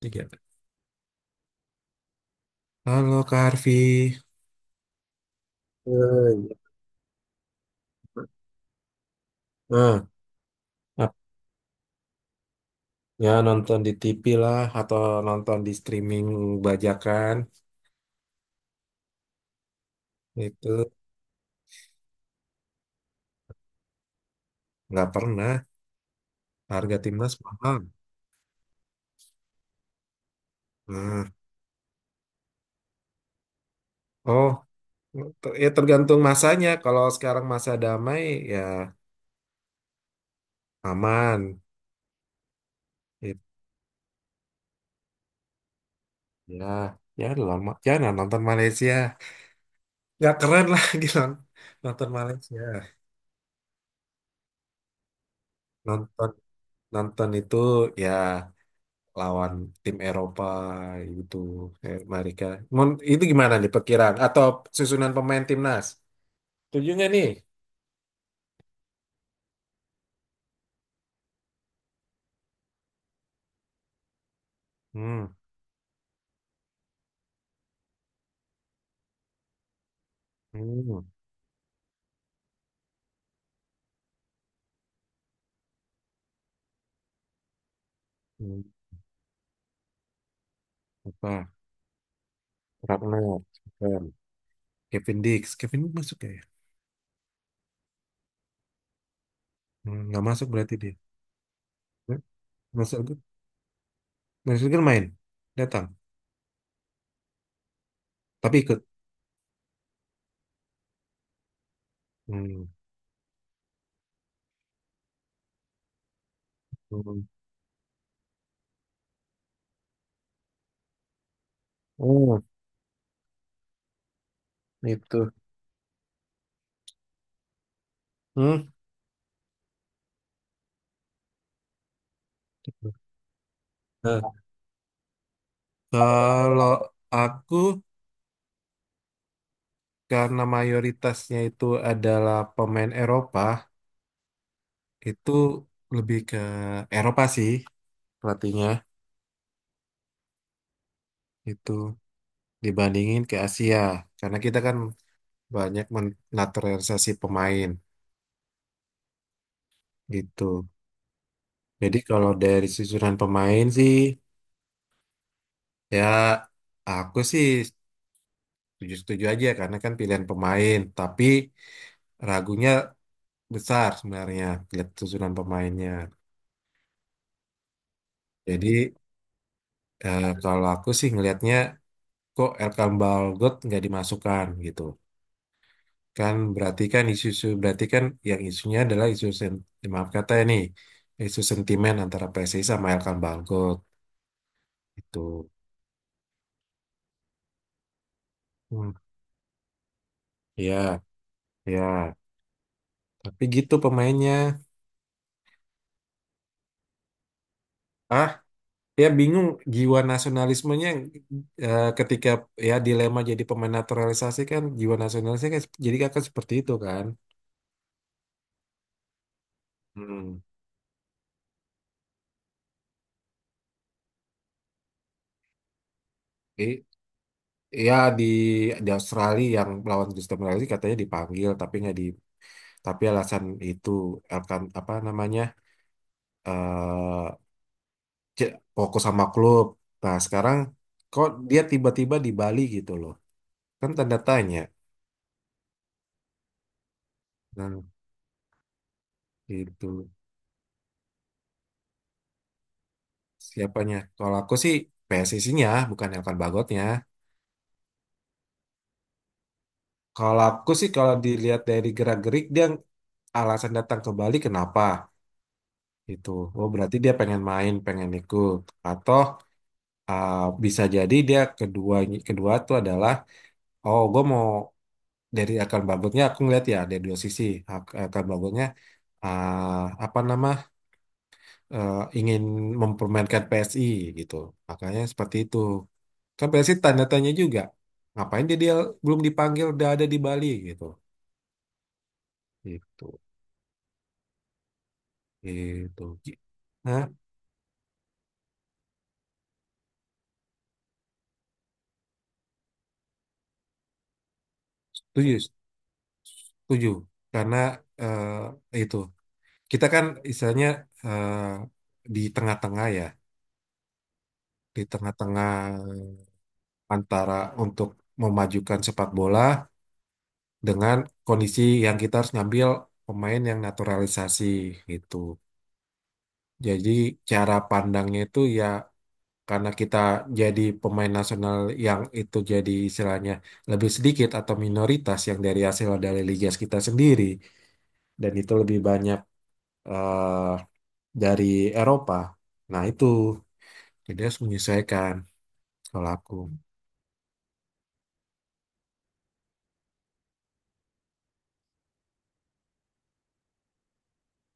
Tiga. Halo Kak Arfi, iya. Nah, ap- ya nonton di TV lah atau nonton di streaming bajakan itu nggak pernah. Harga timnas mahal. Nah, oh ya tergantung masanya. Kalau sekarang masa damai, ya aman. It- ya, ya lama. Ya nah, nonton Malaysia. Nggak keren lah gitu nonton Malaysia. Nonton nonton itu ya lawan tim Eropa gitu kayak Marika. Itu gimana nih perkiraan atau susunan pemain timnas? Setuju nggak nih? Hmm, hmm, hmm. Apa? Ragnar, Kevin, Kevin Dix masuk nggak ya? Hmm, nggak masuk berarti dia. Hmm. Masuk, masuk kan main, datang, tapi ikut. Hmm, hmm. Oh, itu. Hmm. Nah, kalau aku karena mayoritasnya itu adalah pemain Eropa, itu lebih ke Eropa sih pelatihnya itu dibandingin ke Asia karena kita kan banyak menaturalisasi pemain gitu. Jadi kalau dari susunan pemain sih ya aku sih setuju-setuju aja karena kan pilihan pemain, tapi ragunya besar sebenarnya lihat susunan pemainnya. Jadi kalau aku sih ngelihatnya kok Elkan Balgot nggak dimasukkan gitu. Kan berarti kan isu-isu berarti kan yang isunya adalah isu sen, ya, maaf kata ya nih, isu sentimen antara PSSI sama Elkan Bangkok itu. Hmm, ya ya tapi gitu pemainnya. ah Ya bingung jiwa nasionalismenya, ketika ya dilema jadi pemain naturalisasi kan jiwa nasionalisnya kan jadi akan seperti itu kan. Hmm. I- Ya di Australia yang lawan Kristen Malaysia katanya dipanggil tapi nggak di, tapi alasan itu akan apa namanya, eh, fokus sama klub. Nah, sekarang kok dia tiba-tiba di Bali gitu loh. Kan tanda tanya. Nah, itu. Siapanya? Kalau aku sih PSSI-nya, bukan Elkan Bagotnya. Kalau aku sih kalau dilihat dari gerak-gerik dia, alasan datang ke Bali kenapa? Itu. Oh, berarti dia pengen main, pengen ikut. Atau ah, bisa jadi dia kedua, kedua tuh adalah oh, gue mau, dari akan bagotnya aku ngeliat ya dari dua sisi. Akan bagotnya ah, apa nama ingin mempermainkan PSI gitu. Makanya seperti itu. Kan PSI tanda tanya juga. Ngapain dia belum dipanggil udah ada di Bali gitu. Gitu. Gitu. Hah? Setuju, setuju. Karena itu kita kan istilahnya eh, di tengah-tengah ya, di tengah-tengah antara untuk memajukan sepak bola dengan kondisi yang kita harus ngambil pemain yang naturalisasi gitu. Jadi cara pandangnya itu ya karena kita jadi pemain nasional yang itu jadi istilahnya lebih sedikit atau minoritas yang dari hasil dari liga kita sendiri dan itu lebih banyak eh, dari Eropa. Nah itu jadi harus menyesuaikan kalau aku.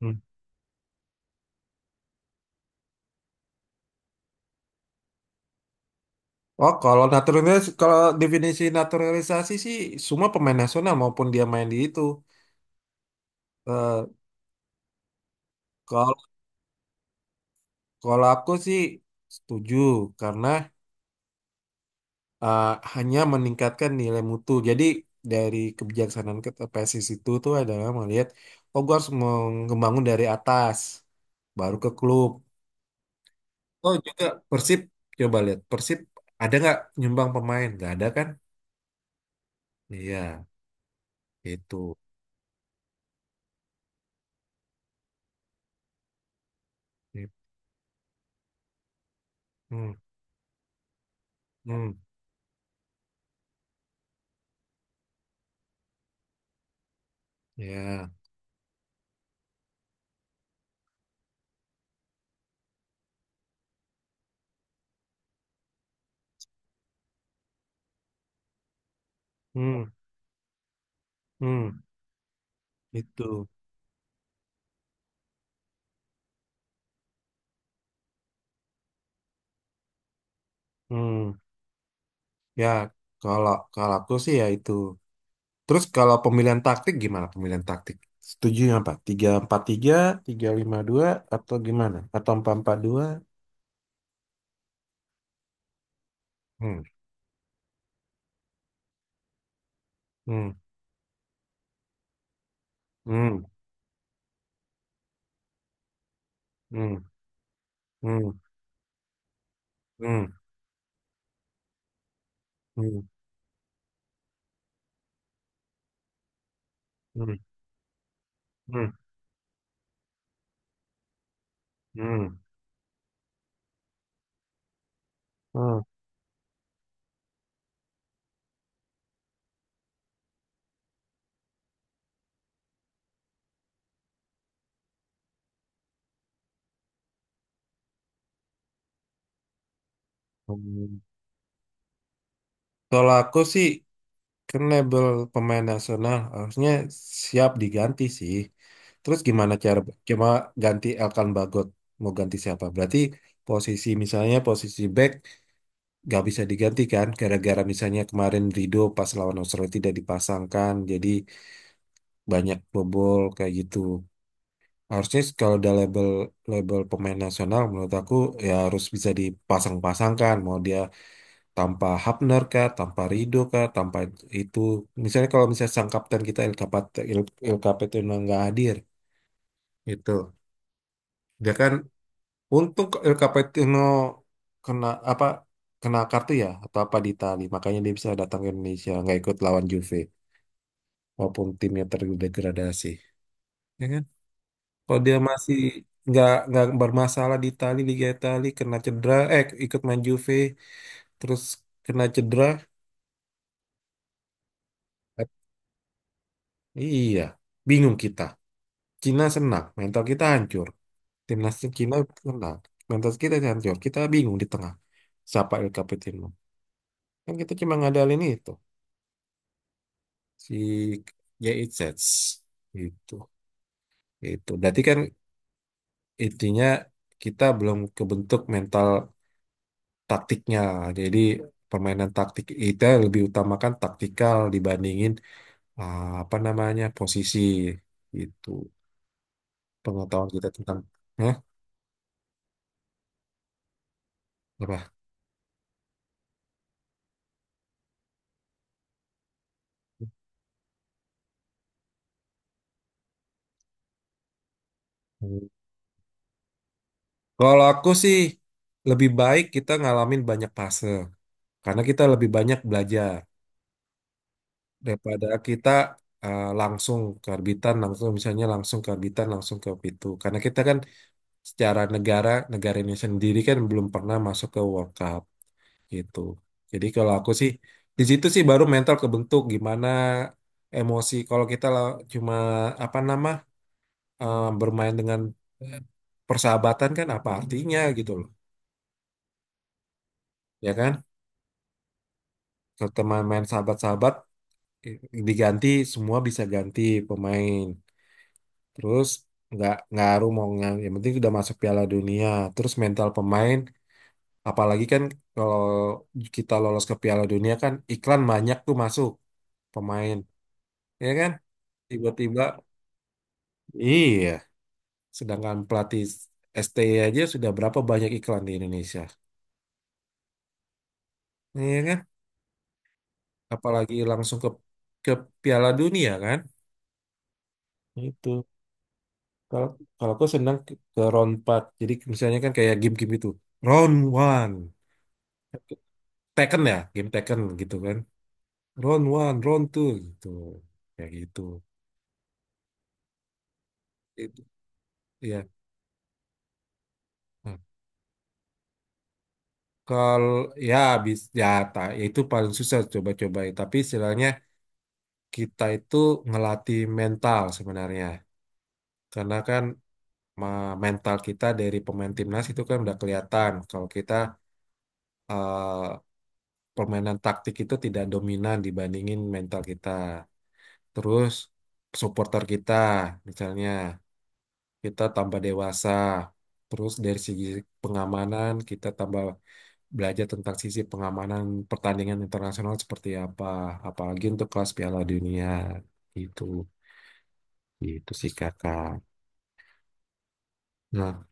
Hmm. Oh kalau naturalis, kalau definisi naturalisasi sih semua pemain nasional maupun dia main di itu. Eh, kalau kalau aku sih setuju karena eh, hanya meningkatkan nilai mutu. Jadi dari kebijaksanaan ke PSSI itu tuh adalah melihat, oh gue harus membangun dari atas, baru ke klub. Oh juga Persib, coba lihat Persib ada nggak nyumbang pemain? Nggak ada kan? Iya, itu. Hmm, hmm, ya, hmm, hmm, itu. Hmm, ya kalau kalau aku sih ya itu. Terus kalau pemilihan taktik gimana pemilihan taktik? Setuju yang apa? Tiga empat tiga, tiga lima dua, atau gimana? Atau empat empat dua? Hmm. Hmm. Hmm. Hmm. Hmm. Hmm. Hmm. Hmm. Hmm. Hmm. Hmm. Hmm. Kalau aku sih kan label pemain nasional harusnya siap diganti sih. Terus gimana cara cuma ganti Elkan Bagot mau ganti siapa? Berarti posisi, misalnya posisi back nggak bisa digantikan gara-gara misalnya kemarin Rido pas lawan Australia tidak dipasangkan jadi banyak bobol kayak gitu. Harusnya kalau udah label, label pemain nasional menurut aku ya harus bisa dipasang-pasangkan mau dia tanpa Hapner kah, tanpa Rido kah, tanpa itu. Misalnya kalau misalnya sang kapten kita El Capitano nggak hadir gitu, dia kan untung Capetino kena apa, kena kartu ya atau apa di Itali, makanya dia bisa datang ke Indonesia nggak ikut lawan Juve walaupun timnya terdegradasi. Ya kan? Kalau dia masih nggak bermasalah di Itali, Liga Itali kena cedera eh ikut main Juve terus kena cedera. eh, iya, bingung kita. Cina senang, mental kita hancur, timnas Cina senang, mental kita hancur, kita bingung di tengah siapa El Capitano, kan kita cuma ngadalin itu, si YIZ itu. Itu berarti kan intinya kita belum kebentuk mental taktiknya. Jadi permainan taktik kita lebih utamakan taktikal dibandingin ah, apa namanya posisi itu, pengetahuan kita tentang. Hah? Apa, kalau aku sih lebih baik kita ngalamin banyak fase karena kita lebih banyak belajar daripada kita langsung ke arbitan langsung, misalnya langsung ke arbitan langsung ke itu karena kita kan secara negara, negara ini sendiri kan belum pernah masuk ke World Cup gitu. Jadi kalau aku sih di situ sih baru mental kebentuk gimana, emosi kalau kita lah. Cuma apa nama, bermain dengan eh, persahabatan kan apa artinya gitu loh. Ya kan? Kalau teman main sahabat-sahabat eh, diganti, semua bisa ganti pemain. Terus nggak ngaruh mau nggak, yang penting sudah masuk Piala Dunia. Terus mental pemain, apalagi kan kalau kita lolos ke Piala Dunia kan iklan banyak tuh masuk pemain, ya kan? Tiba-tiba, iya. Sedangkan pelatih STI aja sudah berapa banyak iklan di Indonesia, iya kan? Apalagi langsung ke Piala Dunia kan? Itu kalau kalau aku senang ke round 4. Jadi misalnya kan kayak game-game itu, round one Tekken ya, game Tekken gitu kan. Round one, round two gitu. Kayak gitu. Itu, ya. Nah, kalau ya bis ya, ta, ya itu paling susah coba-coba ya. Tapi istilahnya kita itu ngelatih mental sebenarnya. Karena kan mental kita dari pemain timnas itu kan udah kelihatan kalau kita eh, permainan taktik itu tidak dominan dibandingin mental kita. Terus supporter kita misalnya kita tambah dewasa. Terus dari segi pengamanan kita tambah belajar tentang sisi pengamanan pertandingan internasional seperti apa, apalagi untuk kelas Piala Dunia itu. Itu sih kakak. Nah,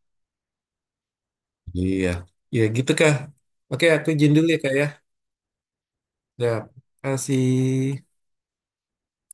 iya, ya gitu kak. Oke, aku izin dulu ya kak ya. Ya, kasih.